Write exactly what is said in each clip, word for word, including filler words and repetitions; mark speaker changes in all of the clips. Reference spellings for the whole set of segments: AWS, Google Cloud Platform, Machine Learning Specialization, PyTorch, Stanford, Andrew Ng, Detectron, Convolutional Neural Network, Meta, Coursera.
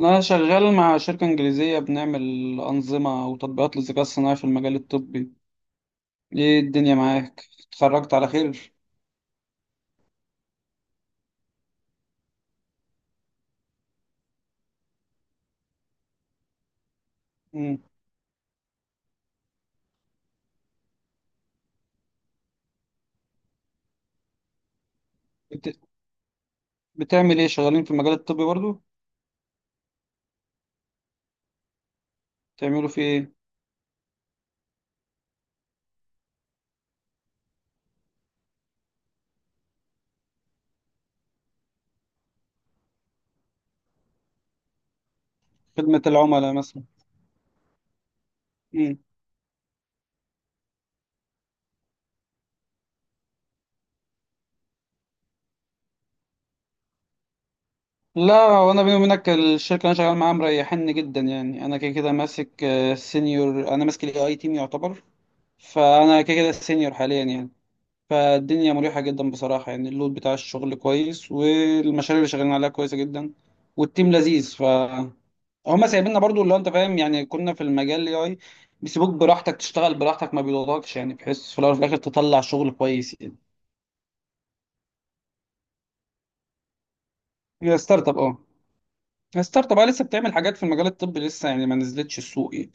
Speaker 1: أنا شغال مع شركة إنجليزية بنعمل أنظمة وتطبيقات للذكاء الصناعي في المجال الطبي، إيه الدنيا معاك؟ اتخرجت على خير؟ مم. بت... بتعمل إيه؟ شغالين في المجال الطبي برضو؟ بتعملوا في إيه؟ خدمة العملاء مثلا؟ مم. لا وأنا بيني وبينك الشركة اللي أنا شغال معاها مريحني جدا يعني، أنا كده كده ماسك سينيور، أنا ماسك ال إيه آي تيم يعتبر، فأنا كده كده سينيور حاليا يعني. فالدنيا مريحة جدا بصراحة يعني اللود بتاع الشغل كويس، والمشاريع اللي شغالين عليها كويسة جدا، والتيم لذيذ. ف هما سايبيننا برضو، اللي هو انت فاهم يعني، كنا في المجال الاي اي بيسيبوك براحتك، تشتغل براحتك، ما بيضغطكش، يعني بحيث في الاول وفي الاخر تطلع شغل كويس يعني. هي ستارت اب اه. هي ستارت اب اه، لسه بتعمل حاجات في المجال الطبي، لسه يعني ما نزلتش السوق يعني.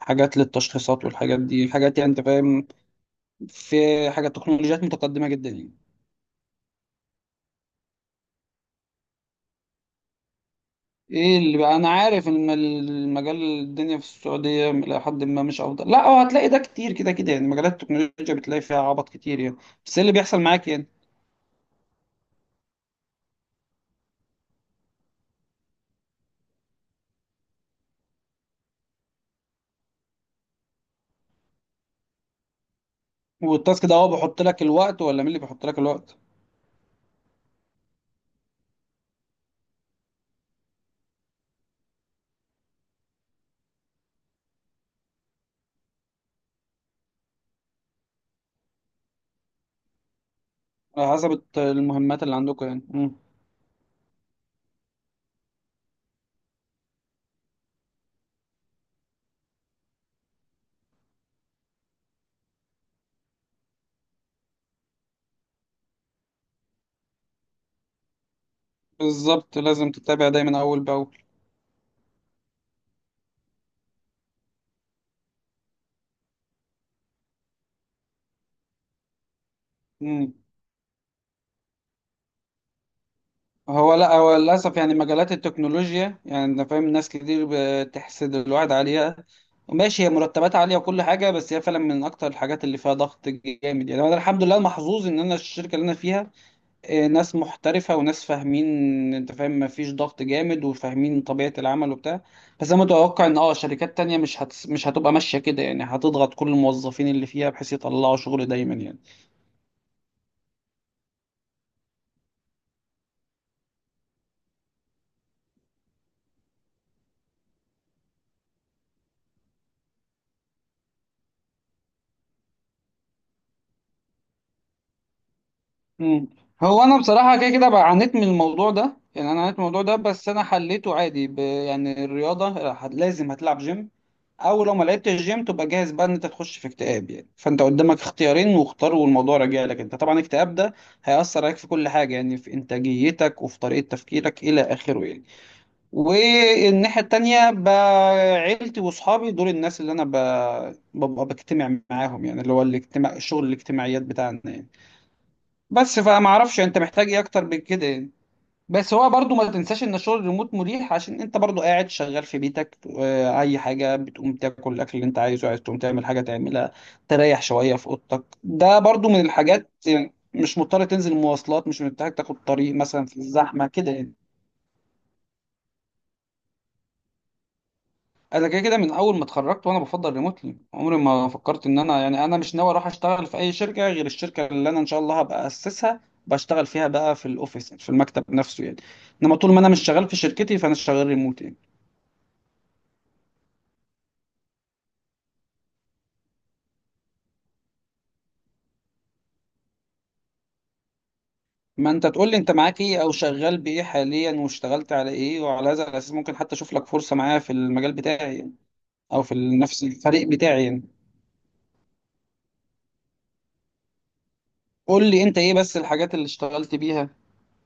Speaker 1: حاجات للتشخيصات والحاجات دي، حاجات يعني انت فاهم، في حاجات تكنولوجيات متقدمة جدا يعني. ايه اللي بقى؟ انا عارف ان المجال الدنيا في السعوديه الى حد ما مش افضل، لا هو هتلاقي ده كتير، كده كده يعني مجالات التكنولوجيا بتلاقي فيها عبط كتير يعني. بس إيه اللي بيحصل معاك يعني؟ والتاسك ده هو بيحط لك الوقت، ولا مين اللي بيحط لك الوقت؟ على حسب الت- المهمات اللي عندكم يعني. مم. بالظبط، لازم تتابع دايما اول باول. مم. هو لا، هو للأسف يعني مجالات التكنولوجيا، يعني أنا فاهم ناس كتير بتحسد الواحد عليها. ماشي، هي مرتبات عالية وكل حاجة، بس هي فعلا من أكتر الحاجات اللي فيها ضغط جامد. يعني أنا الحمد لله محظوظ إن أنا الشركة اللي أنا فيها آه، ناس محترفة وناس فاهمين. أنت فاهم، مفيش ضغط جامد، وفاهمين طبيعة العمل وبتاع. بس أنا متوقع إن أه شركات تانية مش هتس... مش هتبقى ماشية كده، يعني هتضغط كل الموظفين اللي فيها بحيث يطلعوا شغل دايما يعني. مم. هو انا بصراحه كده كده بقى عانيت من الموضوع ده، يعني انا عانيت من الموضوع ده، بس انا حليته عادي ب... يعني الرياضه هت- لازم هتلعب جيم، او لو ما لعبتش جيم تبقى جاهز بقى ان انت تخش في اكتئاب يعني. فانت قدامك اختيارين، واختار، والموضوع راجع لك انت. طبعا الاكتئاب ده هيأثر عليك في كل حاجه، يعني في انتاجيتك وفي طريقه تفكيرك الى اخره يعني. والناحيه التانيه بقى عيلتي واصحابي، دول الناس اللي انا ب... ببقى بجتمع معاهم يعني، اللي هو الاجتماع الشغل الاجتماعيات بتاعنا يعني. بس فما اعرفش انت محتاج ايه اكتر من كده يعني. بس هو برضو ما تنساش ان الشغل الريموت مريح، عشان انت برضو قاعد شغال في بيتك، آه، اي حاجه بتقوم تاكل الاكل اللي انت عايزه، عايز تقوم تعمل حاجه تعملها، تريح شويه في اوضتك. ده برضو من الحاجات، يعني مش مضطر تنزل مواصلات، مش محتاج تاخد طريق مثلا في الزحمه كده يعني. انا كده كده من اول ما اتخرجت وانا بفضل ريموتلي، عمري ما فكرت ان انا، يعني انا مش ناوي اروح اشتغل في اي شركه غير الشركه اللي انا ان شاء الله هبقى اسسها، بشتغل فيها بقى في الاوفيس، في المكتب نفسه يعني. انما طول ما انا مش شغال في شركتي فانا شغال ريموت يعني. ما انت تقول لي انت معاك ايه، او شغال بايه حاليا، واشتغلت على ايه، وعلى هذا الاساس ممكن حتى اشوف لك فرصه معايا في المجال بتاعي يعني، او في نفس الفريق بتاعي يعني. قول لي انت ايه بس الحاجات اللي اشتغلت بيها.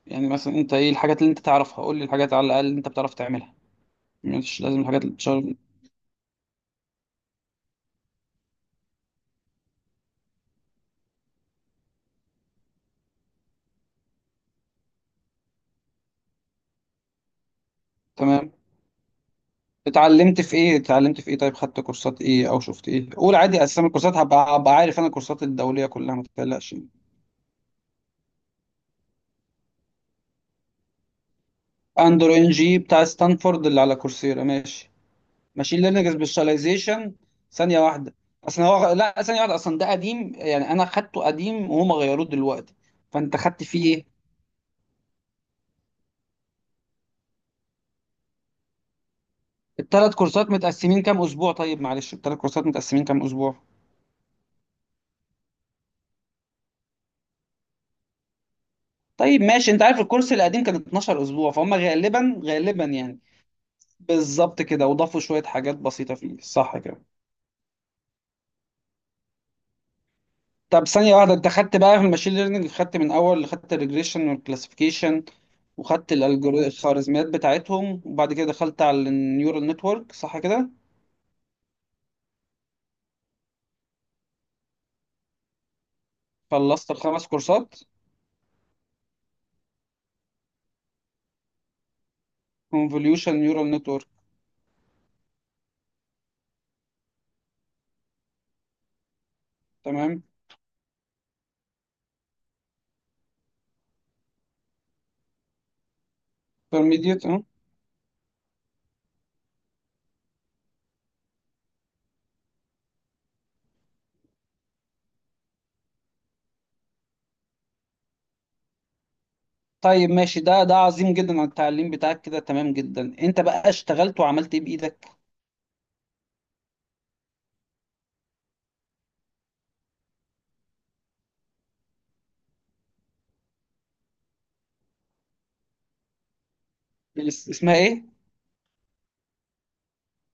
Speaker 1: يعني مثلا انت ايه الحاجات اللي انت تعرفها؟ قول لي الحاجات على الاقل اللي انت بتعرف تعملها، مش لازم الحاجات اللي. تمام. اتعلمت في ايه؟ اتعلمت في ايه؟ طيب خدت كورسات ايه او شفت ايه؟ قول عادي اسامي الكورسات، هبقى هبقى عارف، انا الكورسات الدوليه كلها، ما تقلقش. اندرو ان جي بتاع ستانفورد اللي على كورسيرا، ماشي. ماشين ليرنينج سبيشاليزيشن. ثانيه واحده. اصلا هو، لا، ثانيه واحده، اصلا ده قديم يعني، انا خدته قديم وهم غيروه دلوقتي. فانت خدت فيه ايه؟ الثلاث كورسات متقسمين كام اسبوع؟ طيب معلش، الثلاث كورسات متقسمين كام اسبوع؟ طيب ماشي، انت عارف الكورس القديم كان اتناشر اسبوع، فهم غالبا غالبا يعني. بالظبط كده، وضافوا شوية حاجات بسيطة فيه، صح كده؟ طب ثانية واحدة، انت خدت بقى في الماشين ليرنينج، خدت من اول خدت الريجريشن والكلاسيفيكيشن، وخدت الالجوريزم الخوارزميات بتاعتهم، وبعد كده دخلت على النيورال نتورك، صح كده؟ خلصت الخمس كورسات؟ كونفوليوشن نيورال نتورك. تمام. انترميديت اه. طيب ماشي، ده ده عظيم جدا على التعليم بتاعك كده، تمام جدا. انت بقى اشتغلت وعملت ايه بايدك؟ اس- اسمها ايه؟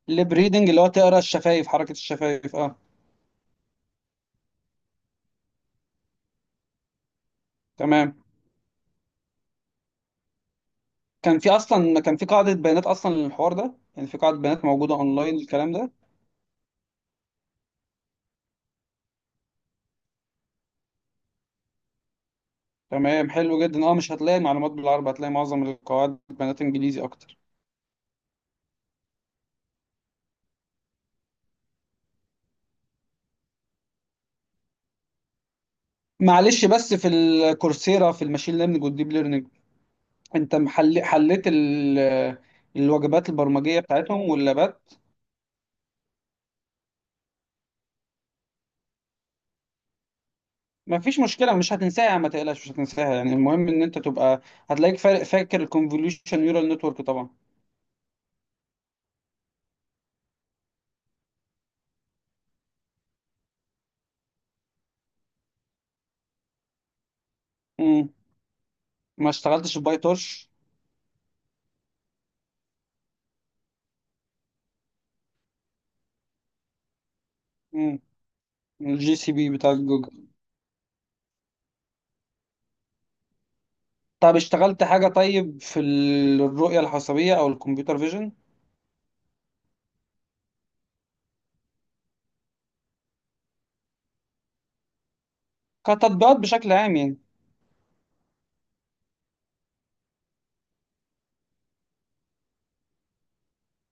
Speaker 1: ليب ريدنج، اللي هو تقرا الشفايف، حركة الشفايف اه. تمام. كان في اصلا، كان في قاعده بيانات اصلا للحوار ده يعني؟ في قاعده بيانات موجوده اونلاين الكلام ده. تمام، حلو جدا. اه، مش هتلاقي معلومات بالعربي، هتلاقي معظم القواعد بيانات انجليزي اكتر. معلش، بس في الكورسيرا في الماشين ليرنينج والديب ليرنينج، انت محل حليت ال- الوجبات البرمجيه بتاعتهم واللابات؟ مفيش مشكله، مش هتنساها ما تقلقش، مش هتنساها يعني. المهم ان انت تبقى، هتلاقيك فا- فاكر الكونفوليوشن نيورال نتورك طبعا. امم ما اشتغلتش بباي تورش؟ امم الجي سي بي بتاع جوجل. طب اشتغلت حاجة طيب في الرؤية الحسابية أو الكمبيوتر فيجن؟ كتطبيقات بشكل عام يعني.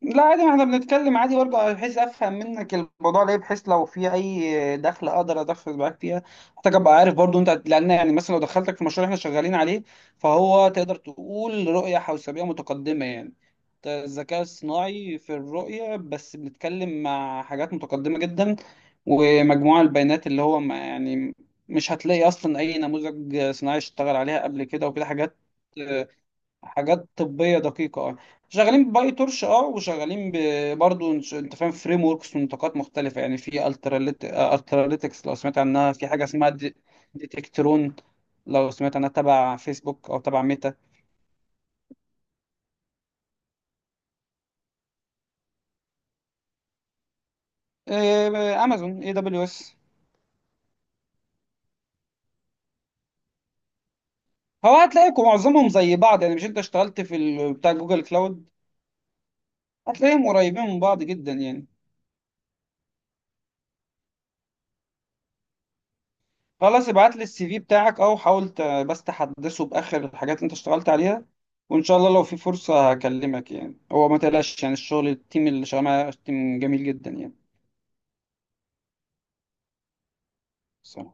Speaker 1: لا عادي، ما احنا بنتكلم عادي برضه، بحيث افهم منك الموضوع، ليه؟ بحيث لو في اي دخل اقدر ادخل معاك فيها. محتاج ابقى عارف برضه انت، لان يعني مثلا لو دخلتك في مشروع احنا شغالين عليه، فهو تقدر تقول رؤية حوسبية متقدمة يعني. ده الذكاء الصناعي في الرؤية، بس بنتكلم مع حاجات متقدمة جدا، ومجموعة البيانات اللي هو ما يعني، مش هتلاقي اصلا اي نموذج صناعي اشتغل عليها قبل كده، وكده حاجات. حاجات طبيه دقيقه اه. شغالين باي تورش اه، وشغالين ب- برضو انش- انت فاهم فريم وركس ونطاقات مختلفه يعني. في التراليت التراليتكس لو سمعت عنها، في حاجه اسمها دي- ديتكترون، لو سمعت عنها تبع فيسبوك او تبع ميتا. آه، امازون اي دبليو اس. هو هتلاقيكم معظمهم زي بعض يعني، مش انت اشتغلت في ال- بتاع جوجل كلاود؟ هتلاقيهم قريبين من بعض جدا يعني. خلاص، ابعت لي السي في بتاعك، او حاول ت- بس تحدثه باخر الحاجات اللي انت اشتغلت عليها، وان شاء الله لو في فرصة هكلمك يعني. هو ما تقلقش يعني، الشغل التيم اللي شغال معاه تيم جميل جدا يعني.